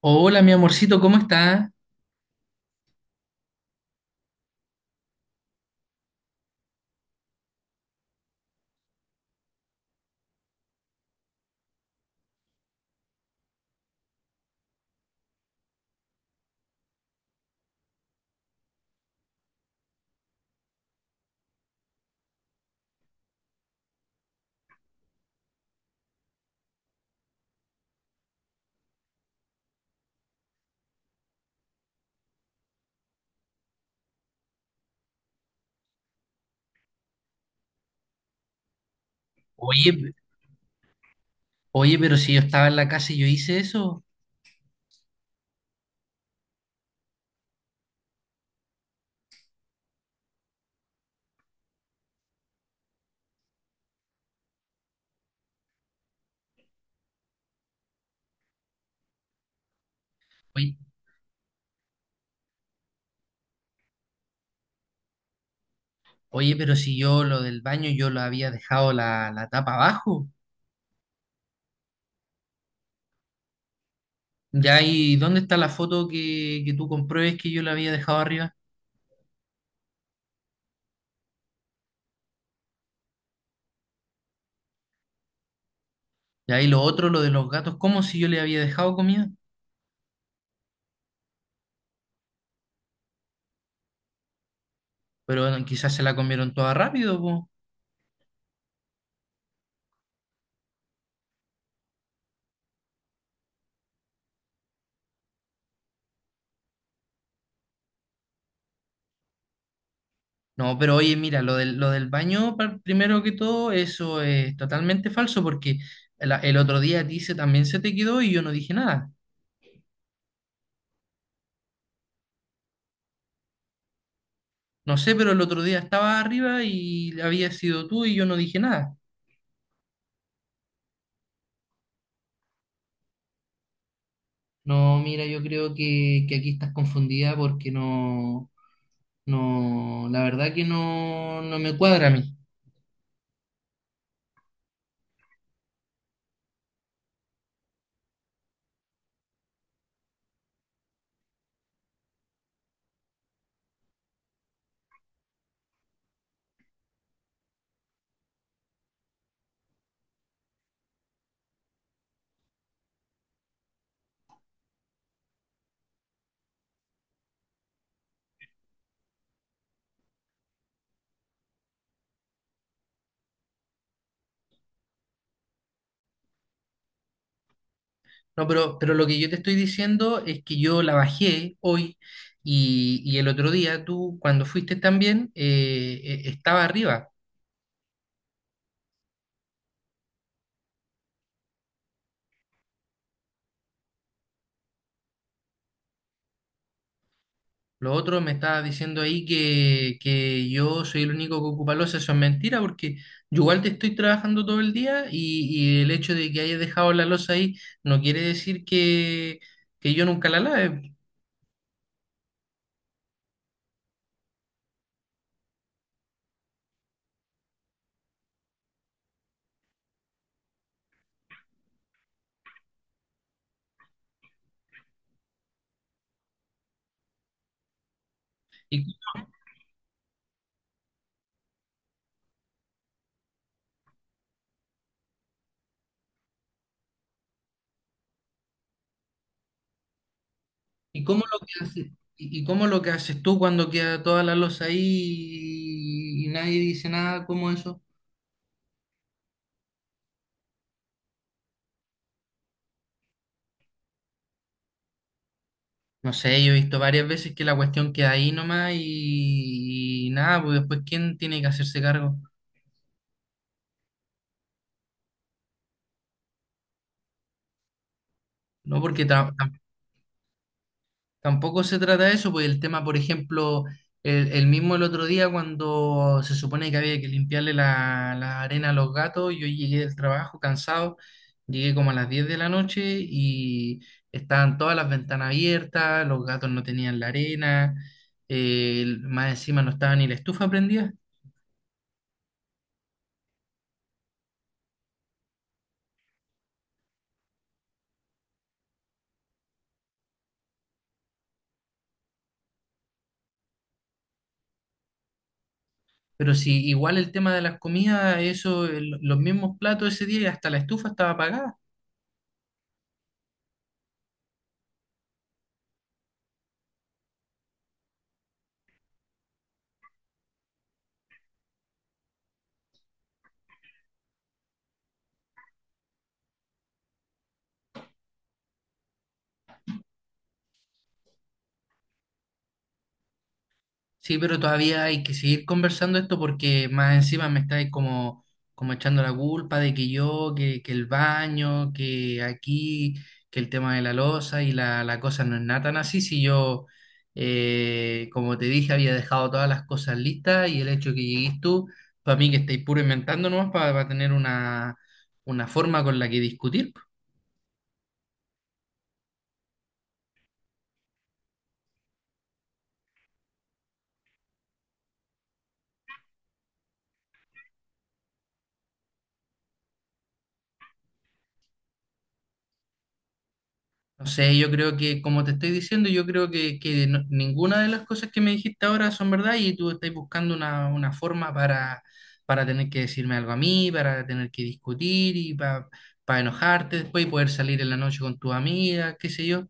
Hola, mi amorcito, ¿cómo está? Oye, pe- Oye, pero si yo estaba en la casa y yo hice eso. Oye, oye, pero si yo lo del baño, yo lo había dejado la tapa abajo. Ya, ¿y dónde está la foto que tú compruebes que yo la había dejado arriba? Ya, y lo otro, lo de los gatos, ¿cómo si yo le había dejado comida? Pero bueno, quizás se la comieron toda rápido, po. No, pero oye, mira, lo del baño, primero que todo, eso es totalmente falso porque el otro día a ti también se te quedó y yo no dije nada. No sé, pero el otro día estaba arriba y había sido tú y yo no dije nada. No, mira, yo creo que aquí estás confundida porque no, la verdad que no me cuadra a mí. No, pero lo que yo te estoy diciendo es que yo la bajé hoy y el otro día tú, cuando fuiste también, estaba arriba. Lo otro me estaba diciendo ahí que yo soy el único que ocupa losa, eso es mentira porque yo igual te estoy trabajando todo el día y el hecho de que hayas dejado la losa ahí no quiere decir que yo nunca la lave. ¿Y, y cómo lo que haces, y cómo lo que haces tú cuando queda toda la losa ahí y nadie dice nada como eso? No sé, yo he visto varias veces que la cuestión queda ahí nomás y nada, pues después ¿quién tiene que hacerse cargo? No, porque ta- Tampoco se trata de eso, pues el tema, por ejemplo, el mismo el otro día cuando se supone que había que limpiarle la arena a los gatos, yo llegué del trabajo cansado, llegué como a las 10 de la noche y estaban todas las ventanas abiertas, los gatos no tenían la arena, más encima no estaba ni la estufa prendida, pero sí, igual el tema de las comidas, eso, los mismos platos ese día y hasta la estufa estaba apagada. Sí, pero todavía hay que seguir conversando esto porque más encima me estáis como, como echando la culpa de que yo, que el baño, que aquí, que el tema de la loza y la cosa no es nada tan así. Si yo, como te dije, había dejado todas las cosas listas y el hecho que llegues tú, para mí que estáis puro inventando nomás para tener una forma con la que discutir. No sé, yo creo que, como te estoy diciendo, yo creo que ninguna de las cosas que me dijiste ahora son verdad y tú estás buscando una forma para tener que decirme algo a mí, para tener que discutir y para enojarte después y poder salir en la noche con tu amiga, qué sé yo.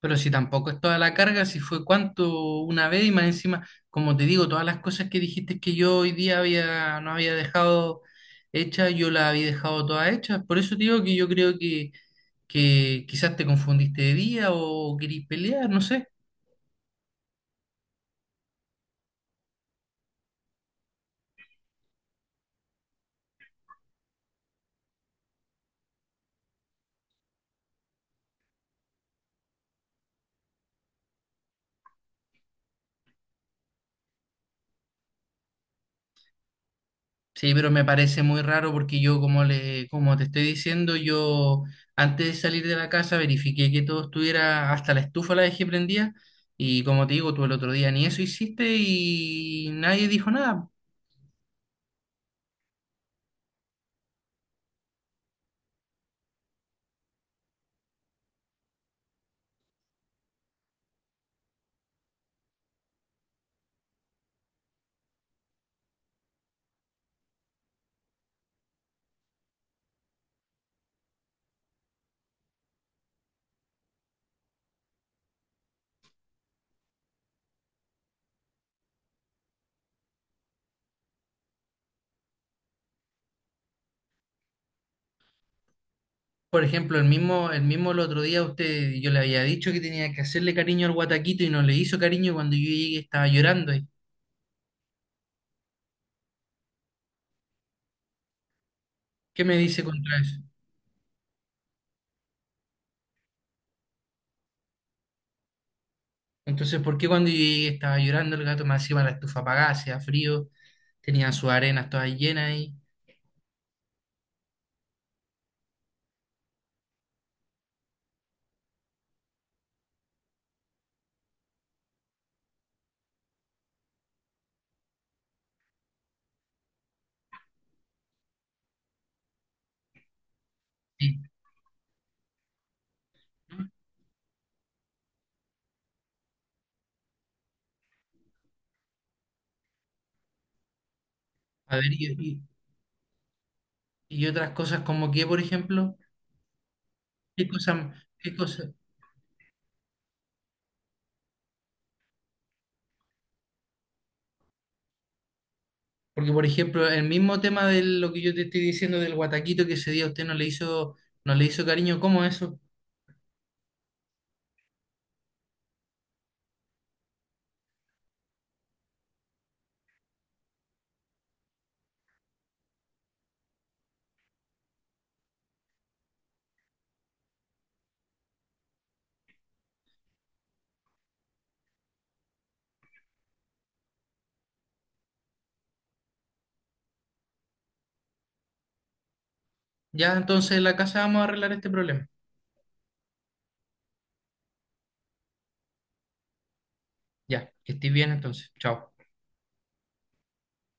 Pero si tampoco es toda la carga, si fue cuánto una vez y más encima, como te digo, todas las cosas que dijiste que yo hoy día no había dejado hechas, yo las había dejado todas hechas. Por eso te digo que yo creo que quizás te confundiste de día o querís pelear, no sé. Sí, pero me parece muy raro porque yo, como te estoy diciendo, yo antes de salir de la casa verifiqué que todo estuviera, hasta la estufa la dejé prendida y como te digo, tú el otro día ni eso hiciste y nadie dijo nada. Por ejemplo, el mismo el otro día usted, yo le había dicho que tenía que hacerle cariño al guataquito y no le hizo cariño y cuando yo llegué estaba llorando. ¿Qué me dice contra eso? Entonces, ¿por qué cuando yo llegué estaba llorando el gato? Más encima la estufa apagada, hacía frío, tenía sus arenas todas llenas ahí, y- a ver, y otras cosas como que, por ejemplo, ¿qué cosas? Porque, por ejemplo, el mismo tema de lo que yo te estoy diciendo del guataquito que ese día usted no le hizo cariño, ¿cómo eso? Ya, entonces en la casa vamos a arreglar este problema. Ya, que estés bien entonces. Chao.